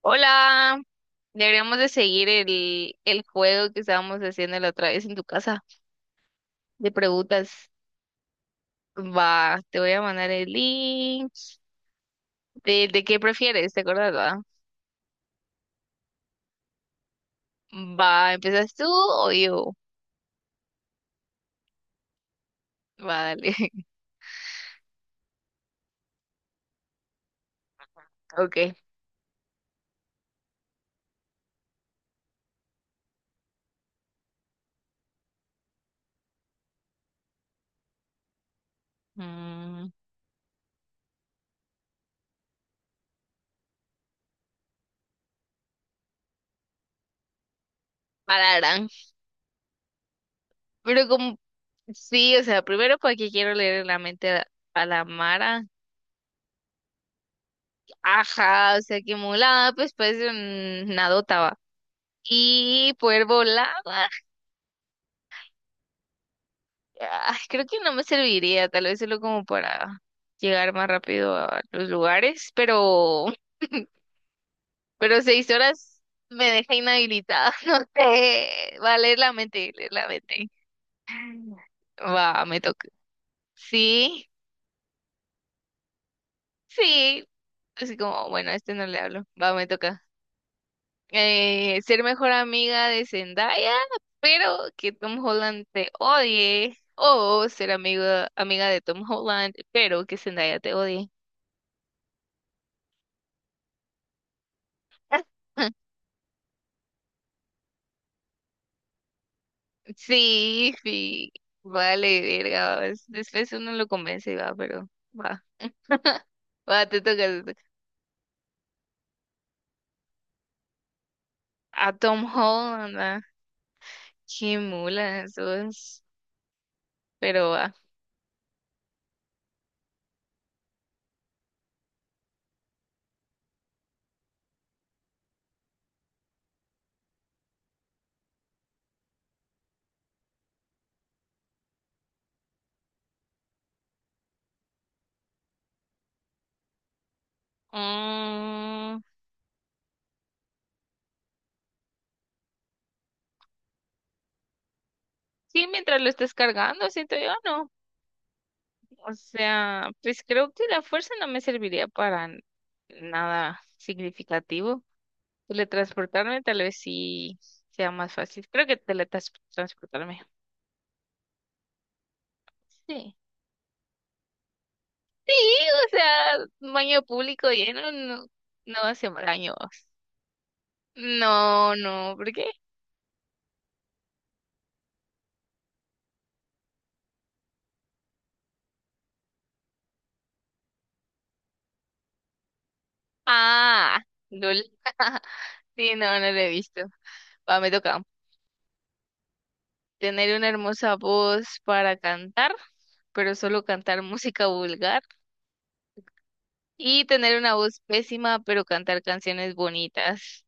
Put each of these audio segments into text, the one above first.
Hola, deberíamos de seguir el juego que estábamos haciendo la otra vez en tu casa de preguntas. Va, te voy a mandar el link. ¿De qué prefieres? ¿Te acuerdas, va? Va, ¿empiezas tú o yo? Va, dale. Ok. Mm, pararán. Pero como, sí, o sea, primero porque quiero leer la mente a la Mara. Ajá, o sea, que mulada, pues parece una dota, va. Y poder volar. Ay, creo que no me serviría, tal vez solo como para llegar más rápido a los lugares, pero, pero 6 horas me deja inhabilitada, no sé, va a leer la mente, leer la mente. Va, me toca. Sí, sí, así como, bueno, a este no le hablo, va, me toca. Ser mejor amiga de Zendaya, pero que Tom Holland te odie, o ser amigo, amiga de Tom Holland, pero que Zendaya te odie. Sí, sí, vale, verga, va, después uno lo convence y va, pero va, va, te toca, te toca. A Tom Holland, va, qué mula, eso es, pero va. Mm, sí, mientras lo estés cargando, siento yo, no, o sea, pues creo que la fuerza no me serviría para nada significativo. Teletransportarme tal vez sí sea más fácil, creo que teletransportarme, sí. Sí, o sea, un baño público lleno no, no hace daño. No, no, ¿por qué? Ah, lol. Sí, no, no lo he visto. Va, me toca tener una hermosa voz para cantar, pero solo cantar música vulgar. Y tener una voz pésima, pero cantar canciones bonitas.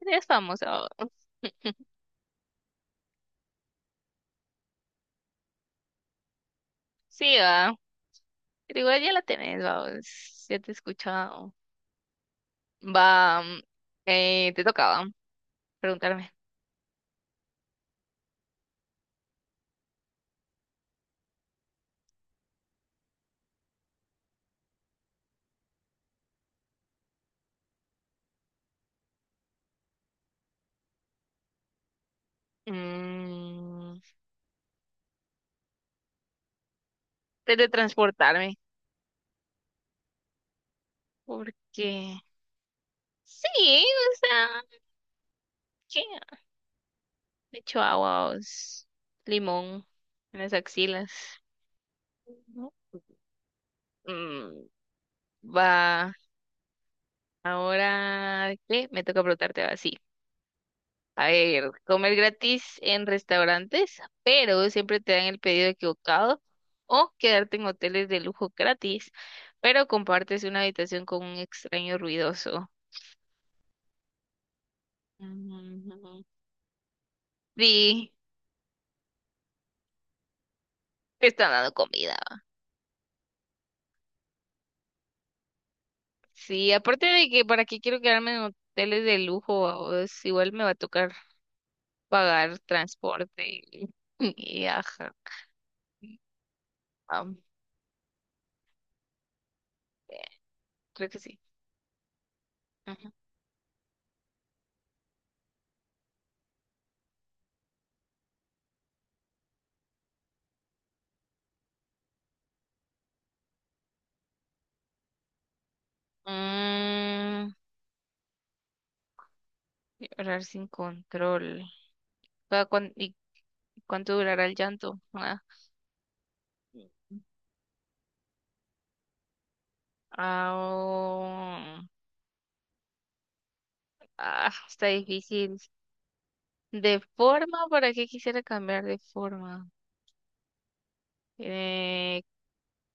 Eres famosa, va. Sí, va. Pero igual ya la tenés, va. Ya te he escuchado. Va. Te tocaba preguntarme. Mm, teletransportarme, porque sí, o sea, ¿qué? Le echo agua, limón en las axilas. Ujú. Mm, va, ahora, ¿qué? Me toca preguntarte así. A ver, comer gratis en restaurantes, pero siempre te dan el pedido equivocado, o quedarte en hoteles de lujo gratis, pero compartes una habitación con un extraño ruidoso. Mm, sí. Me están dando comida. Sí, aparte de que para qué quiero quedarme en hoteles de lujo, o es igual me va a tocar pagar transporte y, y ajá. am, eh, creo que sí. Ajá. Mm, llorar sin control. ¿Y cuánto durará el llanto? Ah, ah, oh, ah, está difícil. De forma, ¿para qué quisiera cambiar de forma? Eh,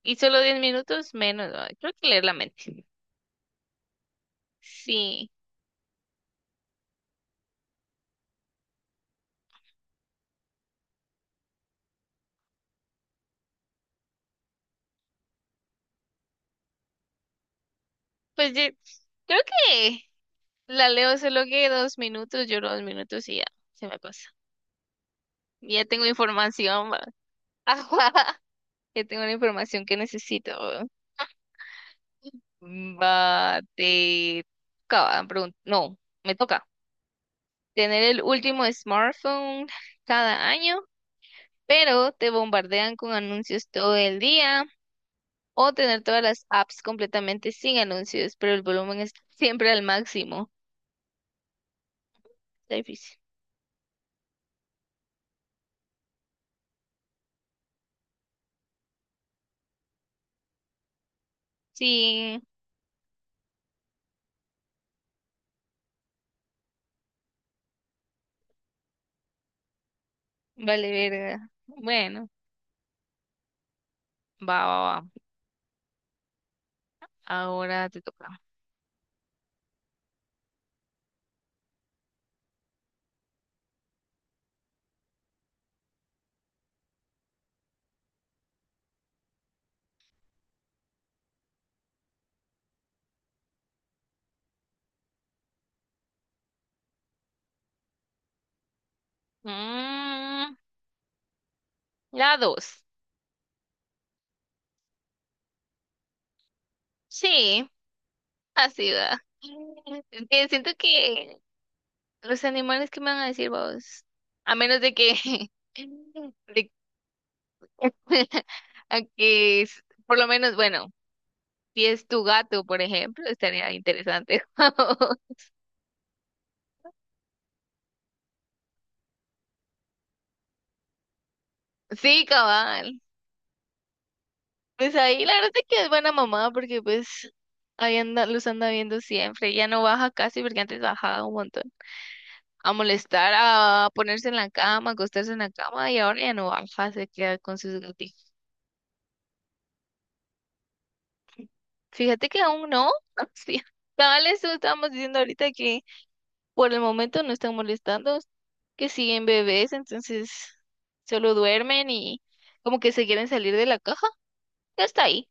y solo 10 minutos menos. Ah, creo que leer la mente. Sí, pues yo creo que la leo solo que 2 minutos, lloro 2 minutos y ya se me pasa. Ya tengo información, va. Ajá, ya tengo la información que necesito. Mm, va, te toca? No, me toca tener el último smartphone cada año, pero te bombardean con anuncios todo el día o tener todas las apps completamente sin anuncios, pero el volumen es siempre al máximo. Está difícil. Sí. Vale, verga. Bueno, va, va, va. Ahora te toca. Mm, la dos. Sí, así va. Es que siento que los animales que me van a decir vos, a menos de que, de- a que s- por lo menos, bueno, si es tu gato, por ejemplo, estaría interesante. Sí, cabal. Pues ahí la verdad es que es buena mamá porque pues ahí anda, los anda viendo siempre. Ya no baja casi porque antes bajaba un montón. A molestar, a ponerse en la cama, acostarse en la cama y ahora ya no baja, se queda con sus gatitos. Fíjate que aún no. Sí. Tal eso estábamos diciendo ahorita que por el momento no están molestando, que siguen bebés, entonces solo duermen y como que se quieren salir de la caja. Ya está ahí.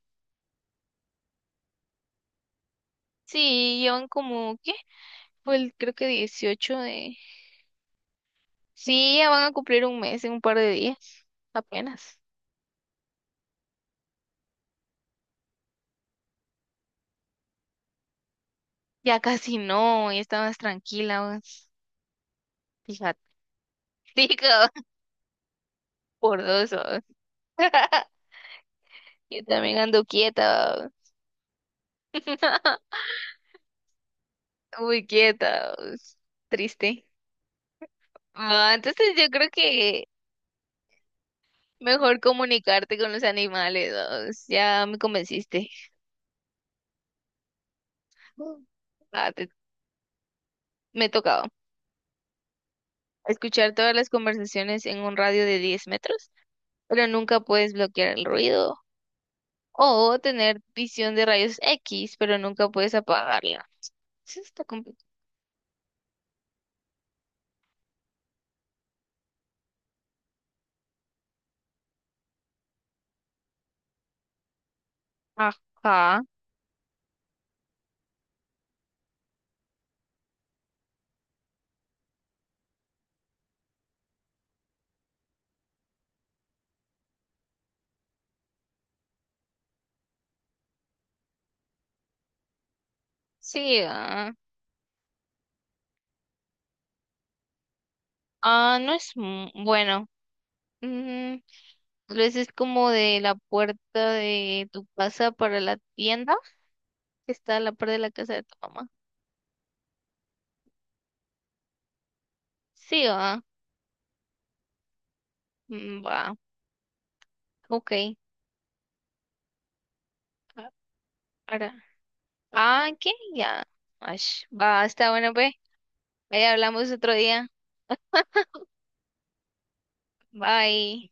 Sí, llevan como, ¿qué? Fue el, creo que 18 de sí, ya van a cumplir un mes en un par de días, apenas. Ya casi no, ya está más tranquila, vamos. Fíjate. Digo, por dos, vamos. Yo también ando quieta, vamos. Muy quieta, vamos. Triste. Ah, entonces yo creo que mejor comunicarte con los animales, vamos. Ya me convenciste. Mm. Ah, me tocaba escuchar todas las conversaciones en un radio de 10 metros, pero nunca puedes bloquear el ruido o tener visión de rayos X, pero nunca puedes apagarla. Eso está complicado. Ajá. Sí. Ah, ah, no es bueno. Mm, tal vez es como de la puerta de tu casa para la tienda, que está a la par de la casa de tu mamá. Sí, ah. Mm, va. Ok. Ah, ahora. Ah, ¿qué? Ya. Ash. Va, está bueno, pues. Ahí hablamos otro día. Bye.